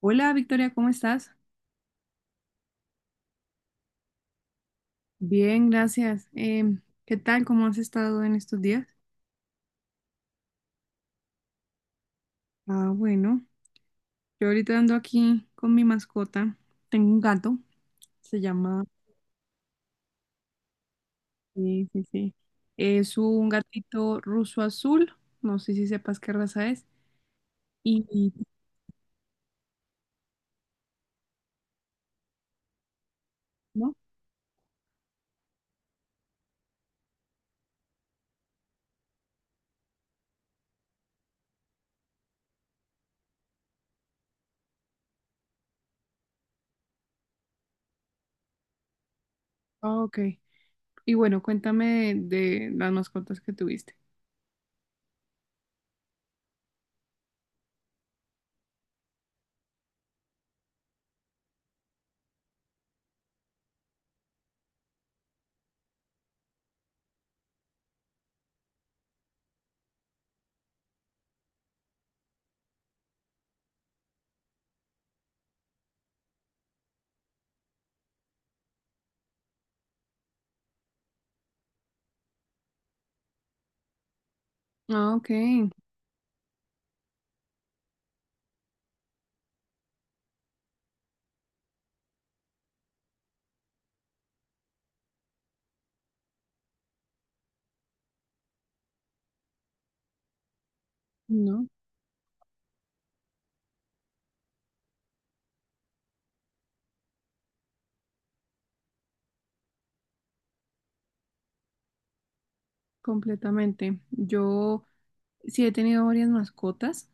Hola Victoria, ¿cómo estás? Bien, gracias. ¿Qué tal? ¿Cómo has estado en estos días? Ah, bueno, yo ahorita ando aquí con mi mascota. Tengo un gato, se llama... Sí, sí, sí. Es un gatito ruso azul, no sé si sepas qué raza es. Y... y- ¿No? Ah, ok. Y bueno, cuéntame de las mascotas que tuviste. Ah, ok. No, completamente. Yo... Sí, he tenido varias mascotas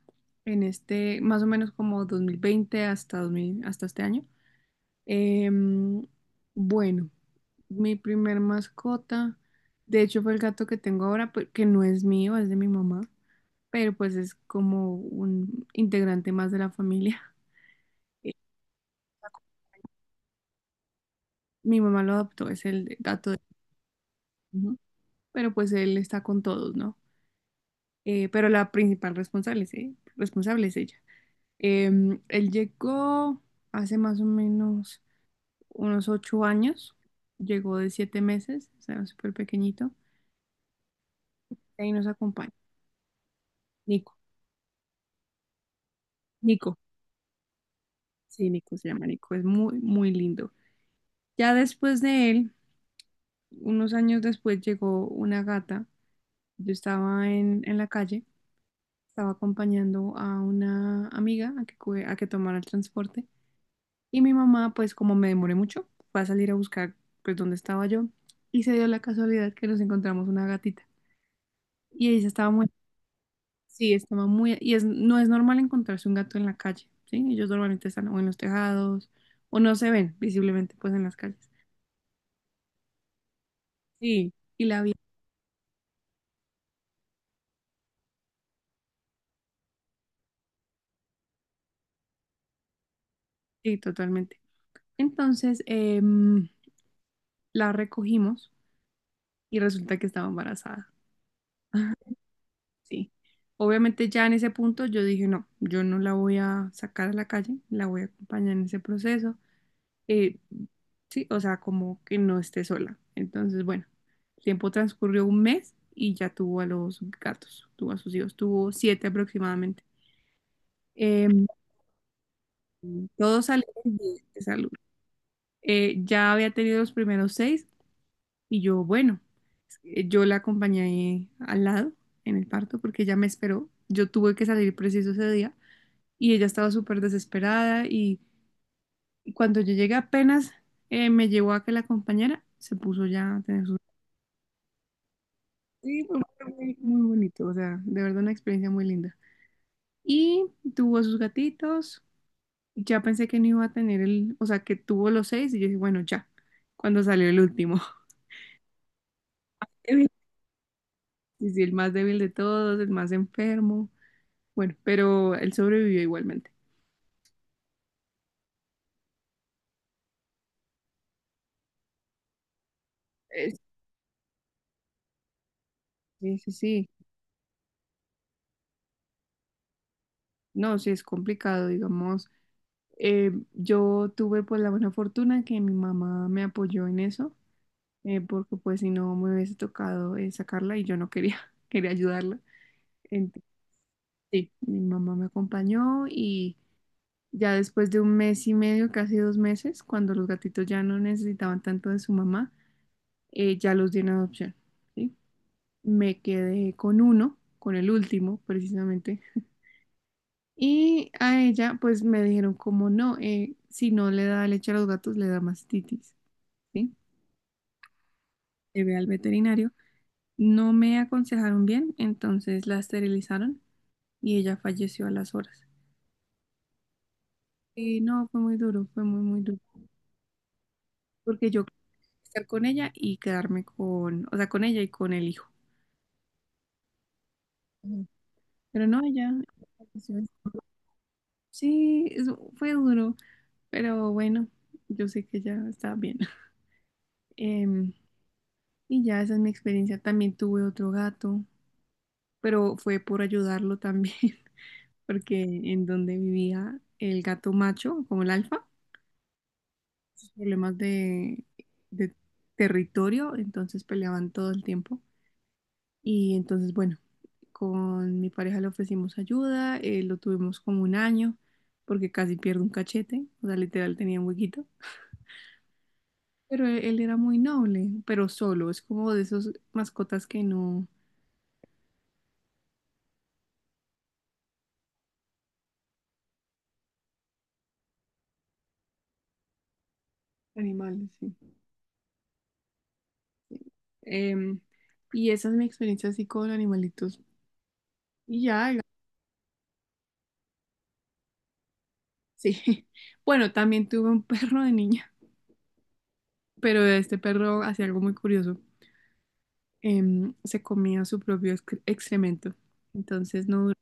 en este, más o menos como 2020 hasta 2000 hasta este año. Em, bueno, mi primer mascota, de hecho fue el gato que tengo ahora, que no es mío, es de mi mamá, pero pues es como un integrante más de la familia. Eh, Mi mamá lo adoptó, es el gato de... Ujú. Pero pues él está con todos, ¿no? Pero la principal responsable es, responsable es ella. Él llegó hace más o menos unos 8 años, llegó de 7 meses, o sea, súper pequeñito, y ahí nos acompaña. Nico, Nico, sí, Nico se llama Nico, es muy, muy lindo. Ya después de él, unos años después llegó una gata, yo estaba en la calle, estaba acompañando a una amiga a que, a que tomara el transporte. Y mi mamá, pues como me demoré mucho, fue a salir a buscar pues dónde estaba yo, y se dio la casualidad que nos encontramos una gatita. Y ella estaba muy, sí, estaba muy, y es, no es normal encontrarse un gato en la calle, ¿sí? Ellos normalmente están o en los tejados o no se ven visiblemente pues en las calles. Sí. Y la vi, sí, totalmente. Entonces la recogimos y resulta que estaba embarazada. Sí. Obviamente ya en ese punto yo dije, no, yo no la voy a sacar a la calle, la voy a acompañar en ese proceso. Eh, sí, o sea, como que no esté sola. Entonces, bueno, el tiempo transcurrió un mes y ya tuvo a los gatos, tuvo a sus hijos, tuvo siete aproximadamente. Eh, Todos salieron bien de salud. Ya había tenido los primeros seis y yo, bueno, yo la acompañé al lado en el parto porque ella me esperó. Yo tuve que salir preciso ese día y ella estaba súper desesperada y, cuando yo llegué apenas me llevó a que la compañera se puso ya a tener su... Sí, fue muy, muy bonito, o sea, de verdad una experiencia muy linda. Y tuvo sus gatitos, ya pensé que no iba a tener el, o sea, que tuvo los seis y yo dije, bueno, ya, cuando salió el último. Sí, sí, el más débil de todos, el más enfermo, bueno, pero él sobrevivió igualmente. Eh, Sí, sí, sí, no, sí es complicado, digamos, yo tuve pues la buena fortuna que mi mamá me apoyó en eso, porque pues si no me hubiese tocado sacarla y yo no quería, quería ayudarla. Entonces, sí, mi mamá me acompañó y ya después de un mes y medio, casi 2 meses, cuando los gatitos ya no necesitaban tanto de su mamá, ya los di en adopción. ¿Sí? Me quedé con uno, con el último precisamente. Y a ella pues me dijeron como no, si no le da leche a los gatos, le da mastitis. ¿Sí? Llevé al veterinario, no me aconsejaron bien, entonces la esterilizaron y ella falleció a las horas. Y no, fue muy duro, fue muy, muy duro, porque yo quería estar con ella y quedarme con, o sea, con ella y con el hijo. Ujú. Pero no, ella falleció. Sí, fue duro, pero bueno, yo sé que ya está bien. Em, y ya esa es mi experiencia. También tuve otro gato, pero fue por ayudarlo también, porque en donde vivía el gato macho, como el alfa, sus problemas de territorio, entonces peleaban todo el tiempo. Y entonces, bueno, con mi pareja le ofrecimos ayuda, lo tuvimos como un año, porque casi pierde un cachete, o sea, literal tenía un huequito. Pero él era muy noble, pero solo, es como de esos mascotas que no... Animales, sí. Em, y esa es mi experiencia así con animalitos. Y ya, sí. Bueno, también tuve un perro de niña, pero este perro hacía algo muy curioso. Se comía su propio excremento. Entonces no duró,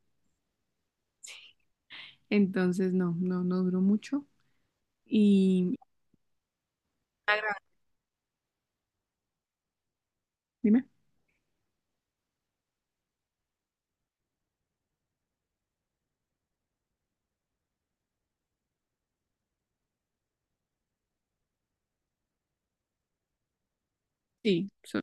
entonces no, no, no duró mucho. Y dime, sí,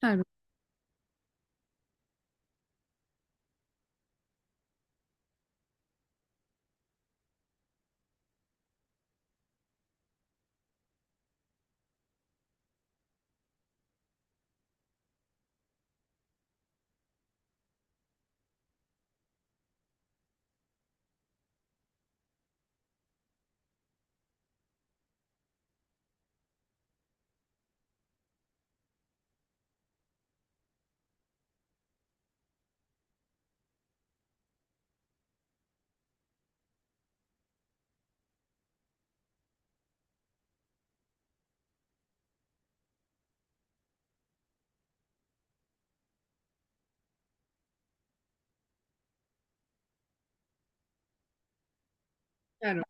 claro, claro.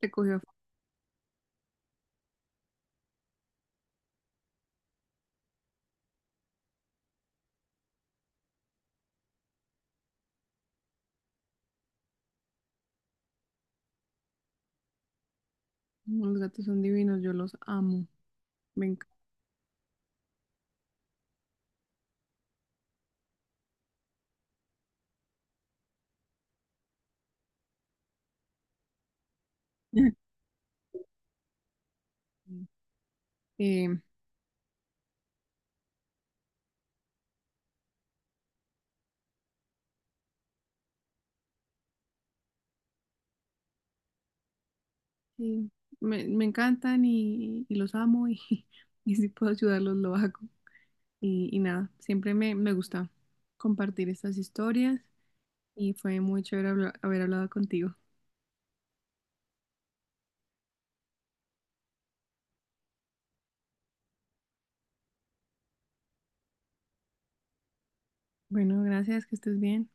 Se cogió. Los gatos son divinos, yo los amo. Me encantan. Eh, sí, me encantan y, los amo y, y si puedo ayudarlos lo hago. Y, nada, siempre me gusta compartir estas historias y fue muy chévere haber hablado contigo. Bueno, gracias, que estés bien.